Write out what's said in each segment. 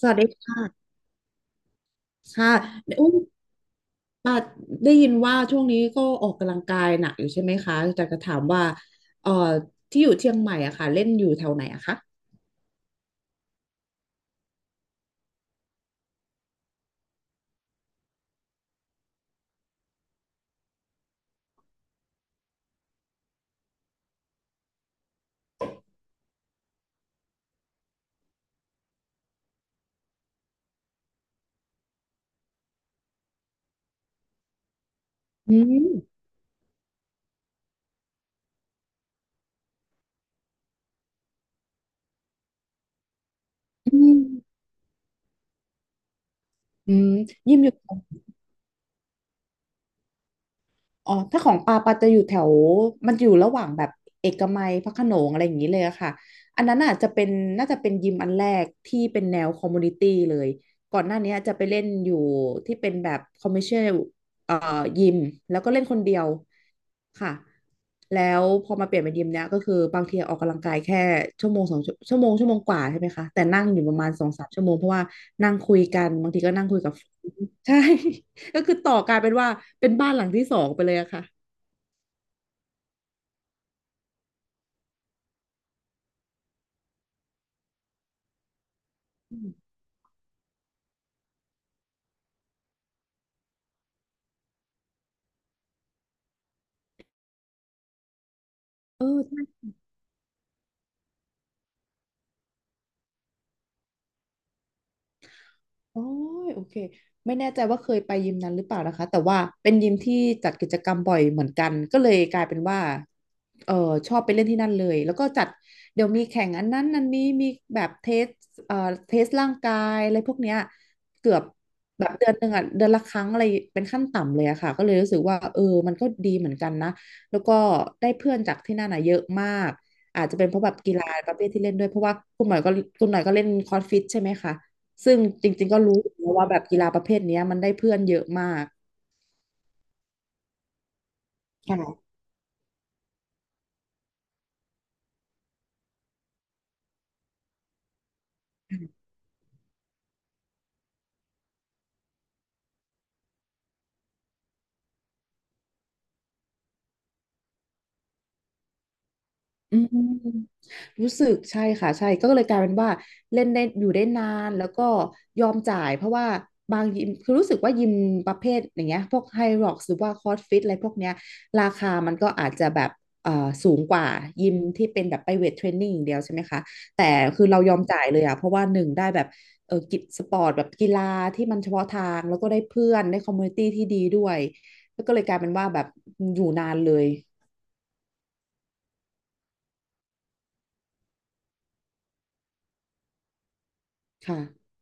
สวัสดีค่ะค่ะอุ้มอ่าได้ยินว่าช่วงนี้ก็ออกกำลังกายหนักอยู่ใช่ไหมคะแต่จะถามว่าเอ่อที่อยู่เชียงใหม่อะค่ะเล่นอยู่แถวไหนอะคะอืมอืมอืมยิมอยู่ อ๋อถ้าของปาปาจะอยู่แถวมันจะอยู่ระหว่างแบบเอกมัยพระโขนงอะไรอย่างนี้เลยอะค่ะอันนั้นอาจจะเป็นน่าจะเป็นยิมอันแรกที่เป็นแนวคอมมูนิตี้เลย ก่อนหน้านี้จะไปเล่นอยู่ที่เป็นแบบคอมเมอร์เชียลเอ่อยิมแล้วก็เล่นคนเดียวค่ะแล้วพอมาเปลี่ยนเป็นยิมเนี้ยก็คือบางทีออกกำลังกายแค่ชั่วโมงสองชั่วโมงชั่วโมงกว่าใช่ไหมคะแต่นั่งอยู่ประมาณสองสามชั่วโมงเพราะว่านั่งคุยกันบางทีก็นั่งคุยกับ ใช่ ก็คือต่อกลายเป็นว่าเป็นบ้านหลังที่สองไปเลยอะค่ะเออใช่ โอ้ยโอเคไม่แน่ใจว่าเคยไปยิมนั้นหรือเปล่านะคะแต่ว่าเป็นยิมที่จัดกิจกรรมบ่อยเหมือนกันก็เลยกลายเป็นว่าเออชอบไปเล่นที่นั่นเลยแล้วก็จัดเดี๋ยวมีแข่งอันนั้นอันนี้มีแบบเทสเอ่อเทสร่างกายอะไรพวกเนี้ยเกือบแบบเดือนหนึ่งอ่ะเดือนละครั้งอะไรเป็นขั้นต่ำเลยอะค่ะก็เลยรู้สึกว่าเออมันก็ดีเหมือนกันนะแล้วก็ได้เพื่อนจากที่นั่นอ่ะเยอะมากอาจจะเป็นเพราะแบบกีฬาประเภทที่เล่นด้วยเพราะว่าคุณหน่อยก็เล่นคอร์สฟิตใช่ไหมคะ ซึ่งจริงๆ ก็รู้อยู่แล้วว่าแบบกีฬาประเภทเนี้ยมันได้เพื่อนเยอะมากค่ะ อืมรู้สึกใช่ค่ะใช่ก็เลยกลายเป็นว่าเล่นได้อยู่ได้นานแล้วก็ยอมจ่ายเพราะว่าบางยิมคือรู้สึกว่ายิมประเภทอย่างเงี้ยพวกไฮร็อกหรือว่าคอร์สฟิตอะไรพวกเนี้ยราคามันก็อาจจะแบบเอ่อสูงกว่ายิมที่เป็นแบบไปเวทเทรนนิ่งอย่างเดียวใช่ไหมคะแต่คือเรายอมจ่ายเลยอ่ะเพราะว่าหนึ่งได้แบบเออกิจสปอร์ตแบบกีฬาที่มันเฉพาะทางแล้วก็ได้เพื่อนได้คอมมูนิตี้ที่ดีด้วยแล้วก็เลยกลายเป็นว่าแบบอยู่นานเลยค่ะ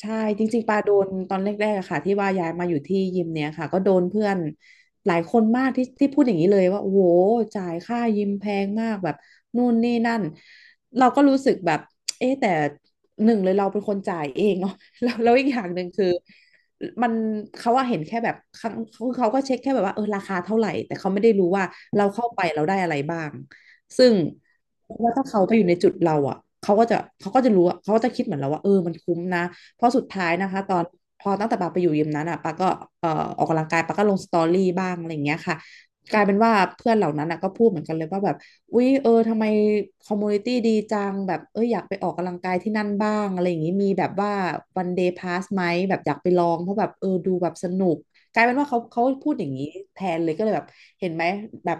ใช่จริงๆปาโดนตอนแรกๆอะค่ะที่ว่าย้ายมาอยู่ที่ยิมเนี่ยค่ะก็โดนเพื่อนหลายคนมากที่พูดอย่างนี้เลยว่าโอ้โหจ่ายค่ายิมแพงมากแบบนู่นนี่นั่นเราก็รู้สึกแบบเอ๊ะแต่หนึ่งเลยเราเป็นคนจ่ายเองเนาะ แล้วอีกอย่างหนึ่งคือมันเขาว่าเห็นแค่แบบครั้งเขาก็เช็คแค่แบบว่าเออราคาเท่าไหร่แต่เขาไม่ได้รู้ว่าเราเข้าไปเราได้อะไรบ้างซึ่งว่าถ้าเขาไปอยู่ในจุดเราอ่ะเขาก็จะรู้อะเขาก็จะคิดเหมือนเราว่าเออมันคุ้มนะ เพราะสุดท้ายนะคะตอนพอตั้งแต่ปาไปอยู่ยิมนั้นอ่ะปาก็ออกกำลังกายปาก็ลงสตอรี่บ้างอะไรอย่างเงี้ยค่ะกลายเป็นว่าเพื่อนเหล่านั้นอ่ะก็พูดเหมือนกันเลยว่าแบบอุ๊ยเออทำไมคอมมูนิตี้ดีจังแบบเอออยากไปออกกำลังกายที่นั่นบ้างอะไรอย่างงี้มีแบบว่าวันเดย์พาสไหมแบบอยากไปลองเพราะแบบเออดูแบบสนุก กลายเป็นว่าเขาพูดอย่างนี้แทนเลยก็เลยแบบเห็นไหมแบบ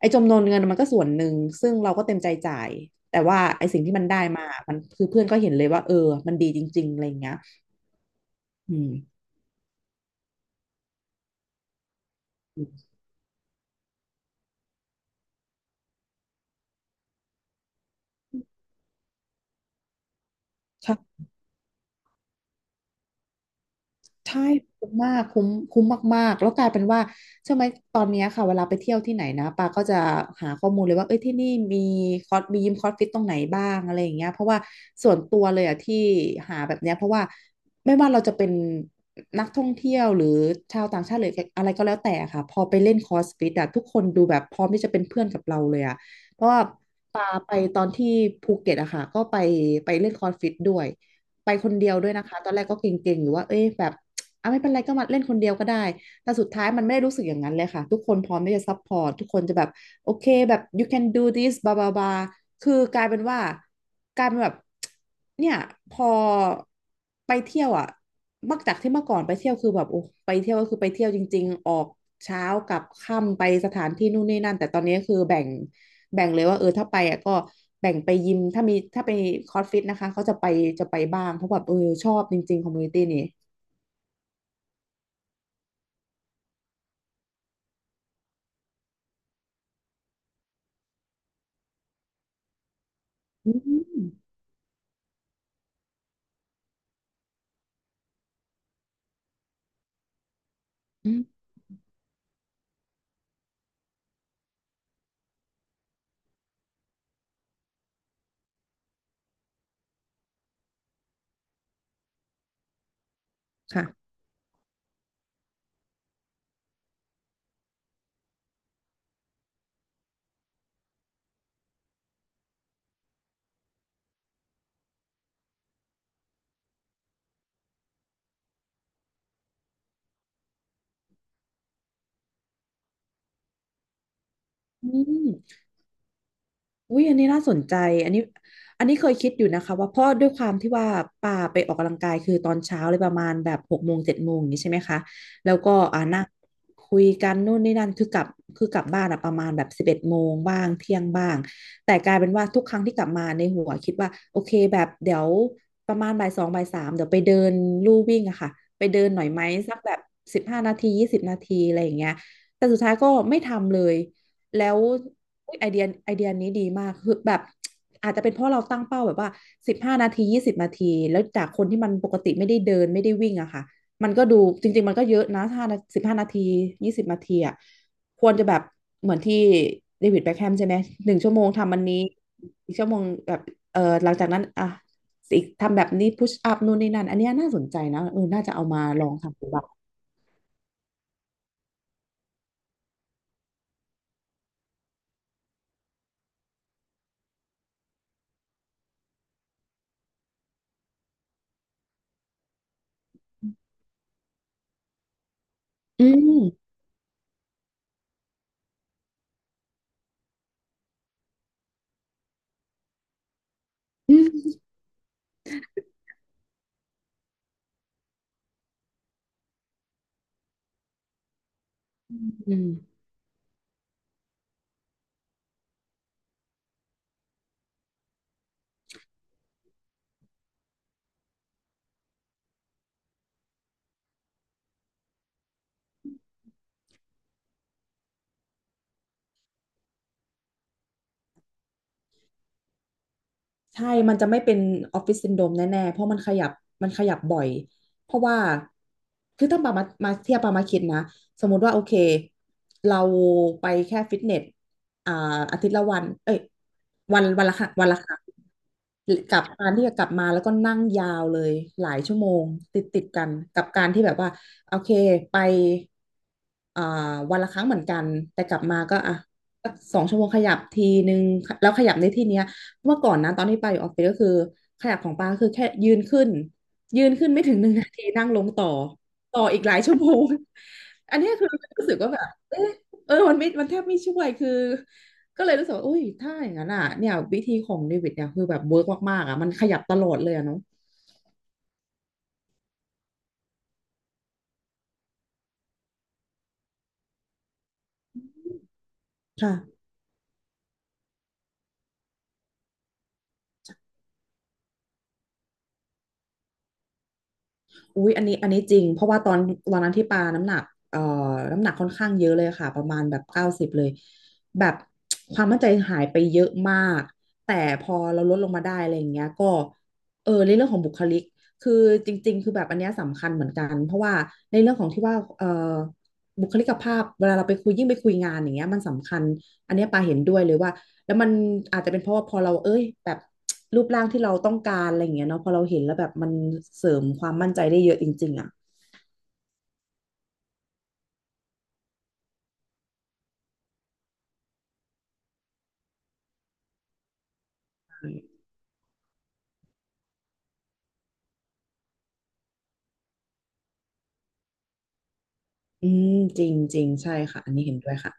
ไอ้จำนวนเงินมันก็ส่วนหนึ่งซึ่งเราก็เต็มใจจ่ายแต่ว่าไอ้สิ่งที่มันได้มามันคือเพื่อนก็เห็นเลยว่าเออมันดีจริงๆอะไรอย่างเงี้ยอืมใช่ ใช่คุ้มมากคุ้มคุ้มมากๆแล้วกลายเป็นว่าใช่ไหมตอนเนี้ยค่ะเวลาไปเที่ยวที่ไหนนะปาก็จะหาข้อมูลเลยว่าเอ้ยที่นี่มีคอร์สมียิมคอร์สฟิตตรงไหนบ้างอะไรอย่างเงี้ยเพราะว่าส่วนตัวเลยอะที่หาแบบเนี้ยเพราะว่าไม่ว่าเราจะเป็นนักท่องเที่ยวหรือชาวต่างชาติหรืออะไรก็แล้วแต่ค่ะพอไปเล่นคอร์สฟิตอะทุกคนดูแบบพร้อมที่จะเป็นเพื่อนกับเราเลยอะเพราะว่า ไปตอนที่ภูเก็ตอะค่ะก็ไปเล่นคอร์สฟิตด้วยไปคนเดียวด้วยนะคะตอนแรกก็เกรงๆอยู่ว่าเอ้ยแบบอ่ะไม่เป็นไรก็มาเล่นคนเดียวก็ได้แต่สุดท้ายมันไม่ได้รู้สึกอย่างนั้นเลยค่ะทุกคนพร้อมที่จะซัพพอร์ตทุกคนจะแบบโอเคแบบ you can do this บาบาบาคือกลายเป็นว่ากลายเป็นแบบเนี่ยพอไปเที่ยวอ่ะเมื่อจากที่เมื่อก่อนไปเที่ยวคือแบบโอ้ไปเที่ยวก็คือไปเที่ยวจริงๆออกเช้ากลับค่ำไปสถานที่นู่นนี่นั่นแต่ตอนนี้คือแบ่งเลยว่าเออถ้าไปอ่ะก็แบ่งไปยิมถ้ามีถ้าไปคอร์สฟิตนะคะเขาจะไปบ้างเพราะแบบเออชอบจริงๆคอมมูนิตี้นี่อืมอืมค่ะอืม อุ้ยอันนี้น่าสนใจอันนี้อันนี้เคยคิดอยู่นะคะว่าเพราะด้วยความที่ว่าป่าไปออกกำลังกายคือตอนเช้าเลยประมาณแบบ6 โมง7 โมงอย่างนี้ใช่ไหมคะแล้วก็อ่านั่งคุยกันนู่นนี่นั่นคือกลับบ้านอะประมาณแบบ11 โมงบ้างเที่ยงบ้างแต่กลายเป็นว่าทุกครั้งที่กลับมาในหัวคิดว่าโอเคแบบเดี๋ยวประมาณบ่าย 2บ่าย 3เดี๋ยวไปเดินลู่วิ่งอะค่ะไปเดินหน่อยไหมสักแบบสิบห้านาทียี่สิบนาทีอะไรอย่างเงี้ยแต่สุดท้ายก็ไม่ทำเลย แล้วอุ๊ยไอเดียนี้ดีมากคือแบบอาจจะเป็นเพราะเราตั้งเป้าแบบว่าสิบห้านาทียี่สิบนาทีแล้วจากคนที่มันปกติไม่ได้เดินไม่ได้วิ่งอะค่ะมันก็ดูจริงๆมันก็เยอะนะถ้าสิบห้านาทียี่สิบนาทีอะควรจะแบบเหมือนที่เดวิดแบ็คแฮมใช่ไหม1 ชั่วโมงทำอันนี้อีกชั่วโมงแบบเออหลังจากนั้นอ่ะอีกทำแบบนี้พุชอัพนู่นนี่นั่นอันเนี้ยน่าสนใจนะเออน่าจะเอามาลองทำดูบ้างอืมอืม ใช่ มันจะไม่เป็นออฟฟิศซินโดรมแน่ๆ เพราะมันขยับ มันขยับบ่อย เพราะว่า คือถ้าปามาเทียบปามาคิดนะ สมมุติว่าโอเค เราไปแค่ฟิตเนสอ่าอาทิตย์ละวันเอ้ยวันละครั้งวันละครั้งกับการที่จะกลับมาแล้วก็นั่งยาวเลยหลายชั่วโมงติดกัน กับการที่แบบว่า โอเค ไปอ่าวันละครั้งเหมือนกัน แต่กลับมาก็อ่ะสัก2 ชั่วโมงขยับทีนึงแล้วขยับในที่เนี้ย เมื่อก่อนนะตอนที่ปาอยู่ออฟฟิศก็คือขยับของปาคือแค่ยืนขึ้นไม่ถึง1 นาทีนั่งลงต่ออีกหลายชั่วโมง อันเนี้ยคือรู้สึกว่าแบบเอะเออมันแทบไม่ช่วยคือก็เลยรู้สึกว่าอุ้ยถ้าอย่างนั้นอ่ะเนี่ยวิธีของเดวิดเนี่ยคือแบบเวิร์กมากๆอ่ะมันขยับตลอดเลยอะเนาะค่ะ อุ๊ยอันนี้จริงเพราะว่าตอนตอนนั้นที่ปาน้ำหนักเอ่อน้ำหนักค่อนข้างเยอะเลยค่ะประมาณแบบ90เลยแบบความมั่นใจหายไปเยอะมากแต่พอเราลดลงมาได้อะไรอย่างเงี้ยก็เออในเรื่องของบุคลิกคือจริงๆคือแบบอันเนี้ยสำคัญเหมือนกันเพราะว่าในเรื่องของที่ว่าบุคลิกภาพเวลาเราไปคุยยิ่งไปคุยงานอย่างเงี้ยมันสำคัญอันเนี้ยปาเห็นด้วยเลยว่า แล้วมันอาจจะเป็นเพราะว่าพอเราเอ้ยแบบรูปร่างที่เราต้องการอะไรอย่างเงี้ยเนาะพอเราเห็นแล้วแบบมันเสริมความมั่นใจได้เยอะจริงๆอ่ะอืมจริงจริงใช่ค่ะอันนี้เห็นด้วยค่ะ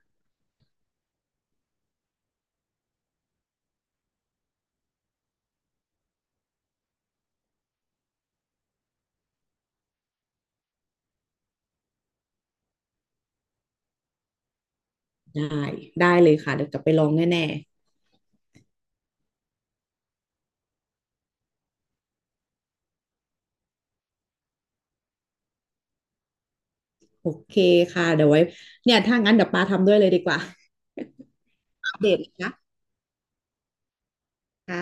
ได้ได้เลยค่ะเดี๋ยวกลับไปลองแน่ๆโอเคค่ะเดี๋ยวไว้เนี่ยถ้างั้นเดี๋ยวปาทำด้วยเลยดีกว่าอัปเดตนะคะค่ะ